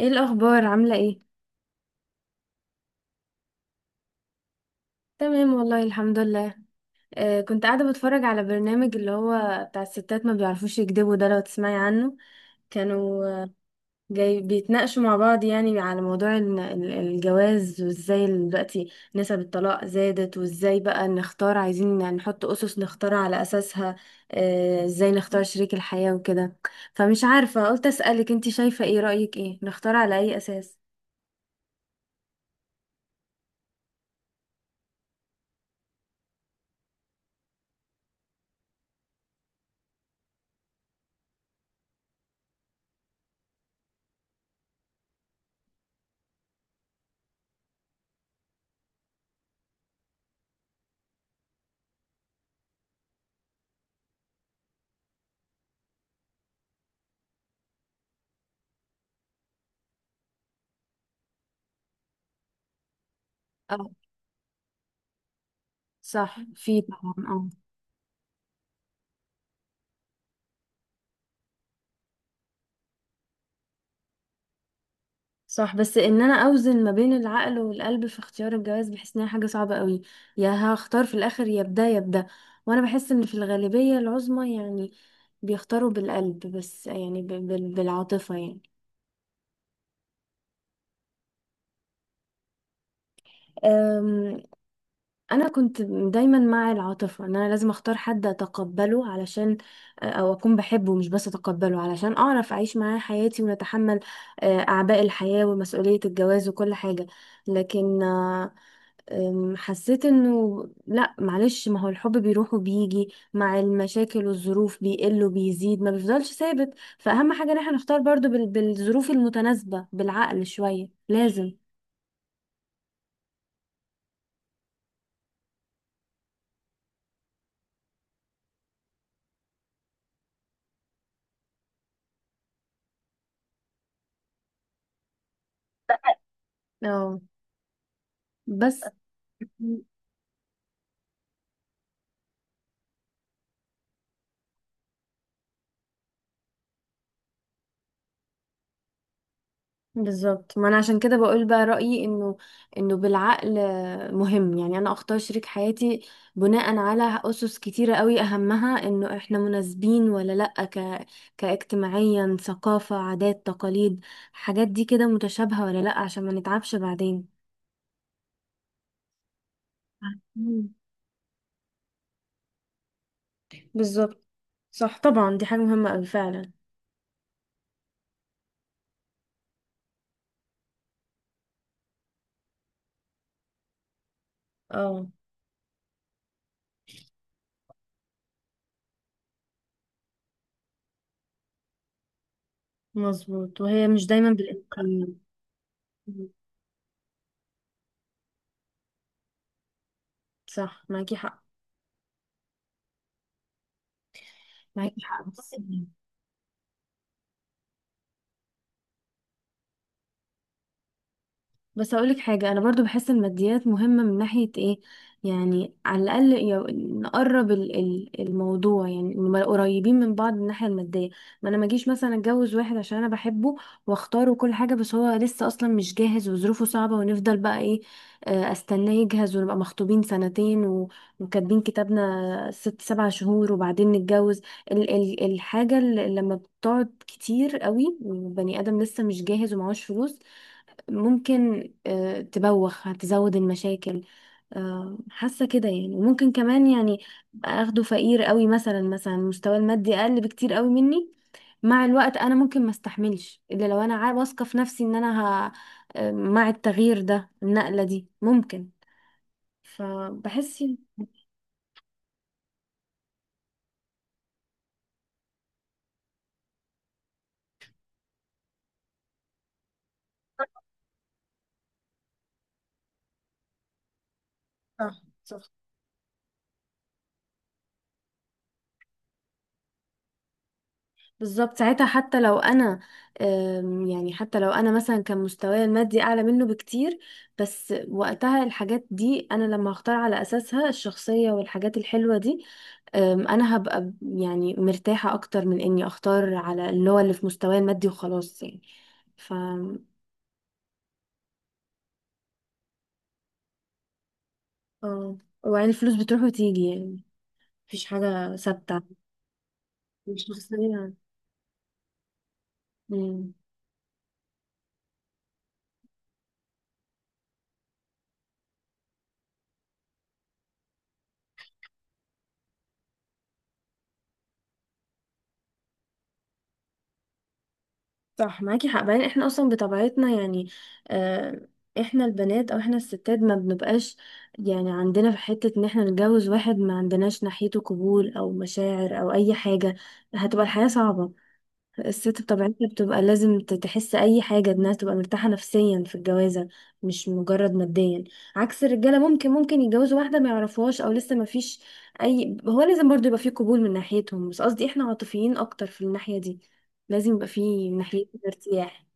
ايه الاخبار؟ عامله ايه؟ تمام والله الحمد لله. كنت قاعده بتفرج على برنامج اللي هو بتاع الستات ما بيعرفوش يكذبوا ده، لو تسمعي عنه. كانوا جاي بيتناقشوا مع بعض، يعني على موضوع الجواز وازاي دلوقتي نسب الطلاق زادت، وازاي بقى نختار، عايزين يعني نحط اسس نختار على اساسها. ازاي نختار شريك الحياه وكده. فمش عارفه قلت اسالك، انت شايفه ايه، رايك ايه، نختار على اي اساس؟ اه، صح، في طبعا. صح، بس ان انا اوزن ما بين العقل والقلب في اختيار الجواز، بحس انها حاجه صعبه قوي. يا هختار في الاخر يا بدا يا بدا. وانا بحس ان في الغالبيه العظمى يعني بيختاروا بالقلب، بس يعني بالعاطفه يعني. أم، انا كنت دايما مع العاطفه، ان انا لازم اختار حد اتقبله علشان، او اكون بحبه مش بس اتقبله، علشان اعرف اعيش معاه حياتي ونتحمل اعباء الحياه ومسؤوليه الجواز وكل حاجه. لكن آه، أم، حسيت انه لا معلش، ما هو الحب بيروح وبيجي، مع المشاكل والظروف بيقل وبيزيد، ما بيفضلش ثابت. فأهم حاجة ان احنا نختار برضو بالظروف المتناسبة، بالعقل شوية لازم. اه، بس بالظبط، ما انا عشان كده بقول بقى رأيي انه، انه بالعقل مهم، يعني انا اختار شريك حياتي بناء على اسس كتيرة قوي، اهمها انه احنا مناسبين ولا لأ، كاجتماعيا، ثقافة، عادات، تقاليد، حاجات دي كده متشابهة ولا لأ، عشان ما نتعبش بعدين. مم. بالظبط. صح طبعا، دي حاجة مهمة قوي فعلا. اه مظبوط، وهي مش دايما بالامكانيات. مم. صح، معاكي حق. معاكي حق، بس اقولك حاجة، انا برضو بحس الماديات مهمة من ناحية ايه، يعني على الاقل نقرب الموضوع، يعني نبقى قريبين من بعض من الناحية المادية. ما انا ما اجيش مثلا اتجوز واحد عشان انا بحبه واختاره كل حاجة، بس هو لسه اصلا مش جاهز وظروفه صعبة، ونفضل بقى ايه، استناه يجهز ونبقى مخطوبين سنتين وكاتبين كتابنا ست سبع شهور وبعدين نتجوز. ال الحاجة اللي لما بتقعد كتير قوي وبني ادم لسه مش جاهز ومعهوش فلوس، ممكن تبوخ، هتزود المشاكل حاسه كده يعني. وممكن كمان يعني أبقى اخده فقير قوي، مثلا مثلا مستواه المادي اقل بكتير قوي مني، مع الوقت انا ممكن ما استحملش، الا لو انا واثقه في نفسي ان انا ه... آه، مع التغيير ده النقله دي ممكن. فبحس، صح صح بالظبط. ساعتها حتى لو انا يعني حتى لو انا مثلا كان مستواي المادي اعلى منه بكتير، بس وقتها الحاجات دي انا لما هختار على اساسها، الشخصية والحاجات الحلوة دي، انا هبقى يعني مرتاحة اكتر من اني اختار على اللي هو اللي في مستواي المادي وخلاص يعني. ف، اه، وبعدين الفلوس بتروح وتيجي يعني، مفيش حاجة ثابتة. الشخصية. صح معاكي حق. بعدين احنا اصلا بطبيعتنا يعني آه، احنا البنات او احنا الستات ما بنبقاش، يعني عندنا في حتة، ان احنا نتجوز واحد ما عندناش ناحيته قبول او مشاعر او اي حاجة، هتبقى الحياة صعبة. الست بطبيعتها بتبقى لازم تحس اي حاجه انها تبقى مرتاحه نفسيا في الجوازه، مش مجرد ماديا. عكس الرجاله، ممكن يتجوزوا واحده ما يعرفوهاش او لسه ما فيش اي، هو لازم برضو يبقى فيه قبول من ناحيتهم، بس قصدي احنا عاطفيين اكتر في الناحيه دي، لازم يبقى فيه من ناحيتنا ارتياح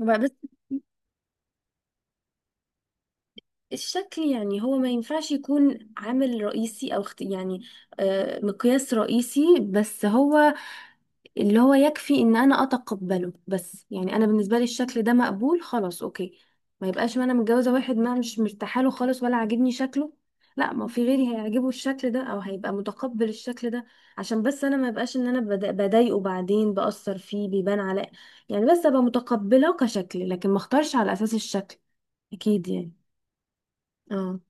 وبقى بس. الشكل يعني هو ما ينفعش يكون عامل رئيسي او يعني مقياس رئيسي، بس هو اللي هو يكفي ان انا اتقبله، بس يعني انا بالنسبه لي الشكل ده مقبول خلاص اوكي، ما يبقاش ما انا متجوزه واحد ما مش مرتاحه له خالص ولا عاجبني شكله، لا ما في غيري هيعجبه الشكل ده او هيبقى متقبل الشكل ده، عشان بس انا ما يبقاش ان انا بضايقه بعدين، باثر فيه بيبان على، يعني بس ابقى متقبله كشكل، لكن ما اختارش على اساس الشكل اكيد يعني. اه،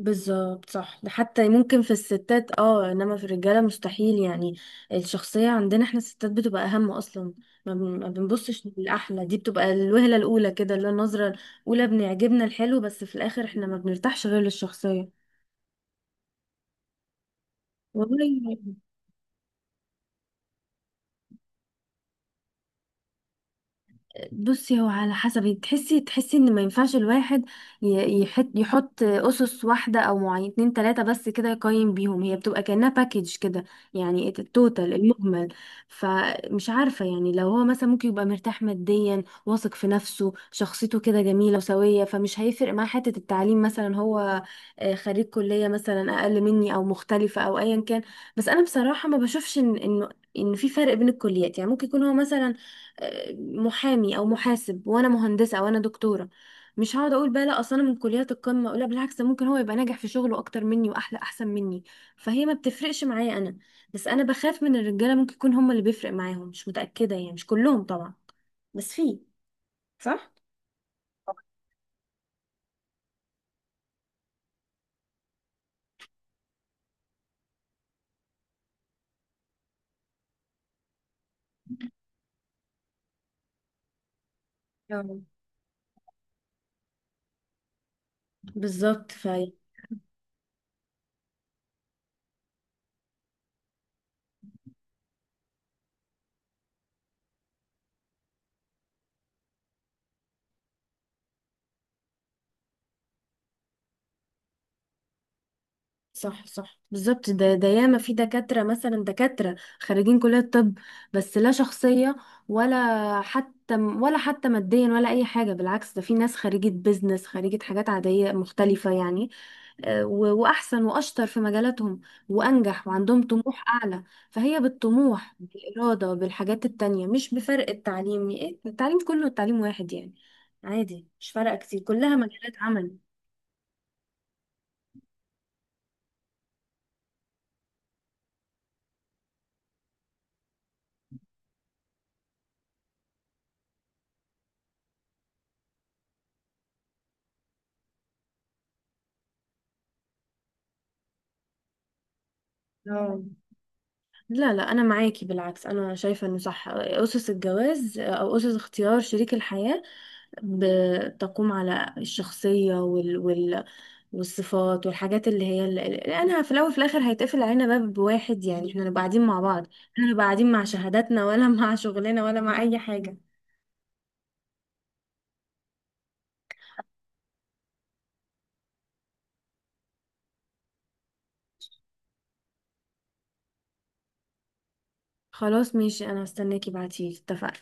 بالظبط صح، ده حتى ممكن في الستات اه، انما في الرجاله مستحيل يعني. الشخصيه عندنا احنا الستات بتبقى اهم اصلا، ما بنبصش للاحلى، دي بتبقى الوهله الاولى كده، اللي هو النظره الاولى بنعجبنا الحلو، بس في الاخر احنا ما بنرتاحش غير للشخصيه. والله بصي، هو على حسب تحسي، تحسي ان ما ينفعش الواحد يحط اسس واحده او معين اتنين تلاته بس كده يقيم بيهم، هي بتبقى كانها باكج كده، يعني التوتال المجمل. فمش عارفه، يعني لو هو مثلا ممكن يبقى مرتاح ماديا، واثق في نفسه، شخصيته كده جميله وسويه، فمش هيفرق معاه حته التعليم مثلا. هو خريج كليه مثلا اقل مني او مختلفه او ايا كان، بس انا بصراحه ما بشوفش ان انه، ان في فرق بين الكليات، يعني ممكن يكون هو مثلا محامي او محاسب وانا مهندسه وانا دكتوره، مش هقعد اقول بقى لا اصل انا من كليات القمه، لا بالعكس، ده ممكن هو يبقى ناجح في شغله اكتر مني واحلى احسن مني، فهي ما بتفرقش معايا انا. بس انا بخاف من الرجاله ممكن يكون هم اللي بيفرق معاهم، مش متاكده يعني، مش كلهم طبعا، بس في. صح. أه. بالظبط. صح صح بالظبط، ده ده ياما في دكاترة مثلا، دكاترة خريجين كلية طب، بس لا شخصية ولا حتى، ولا حتى ماديا ولا أي حاجة، بالعكس ده في ناس خريجة بيزنس، خريجة حاجات عادية مختلفة يعني، وأحسن وأشطر في مجالاتهم وأنجح وعندهم طموح أعلى. فهي بالطموح بالإرادة بالحاجات التانية، مش بفرق التعليم إيه، التعليم كله التعليم واحد يعني، عادي مش فارقة كتير، كلها مجالات عمل. اه لا لا انا معاكي، بالعكس انا شايفه انه صح، اسس الجواز او اسس اختيار شريك الحياه بتقوم على الشخصيه وال والصفات والحاجات اللي هي اللي، لانها في الاول وفي الاخر هيتقفل علينا باب واحد يعني، احنا نبقى قاعدين مع بعض، احنا نبقى قاعدين مع شهاداتنا ولا مع شغلنا ولا مع اي حاجه. خلاص ماشي، انا هستناكي، بعتيلي، اتفقنا.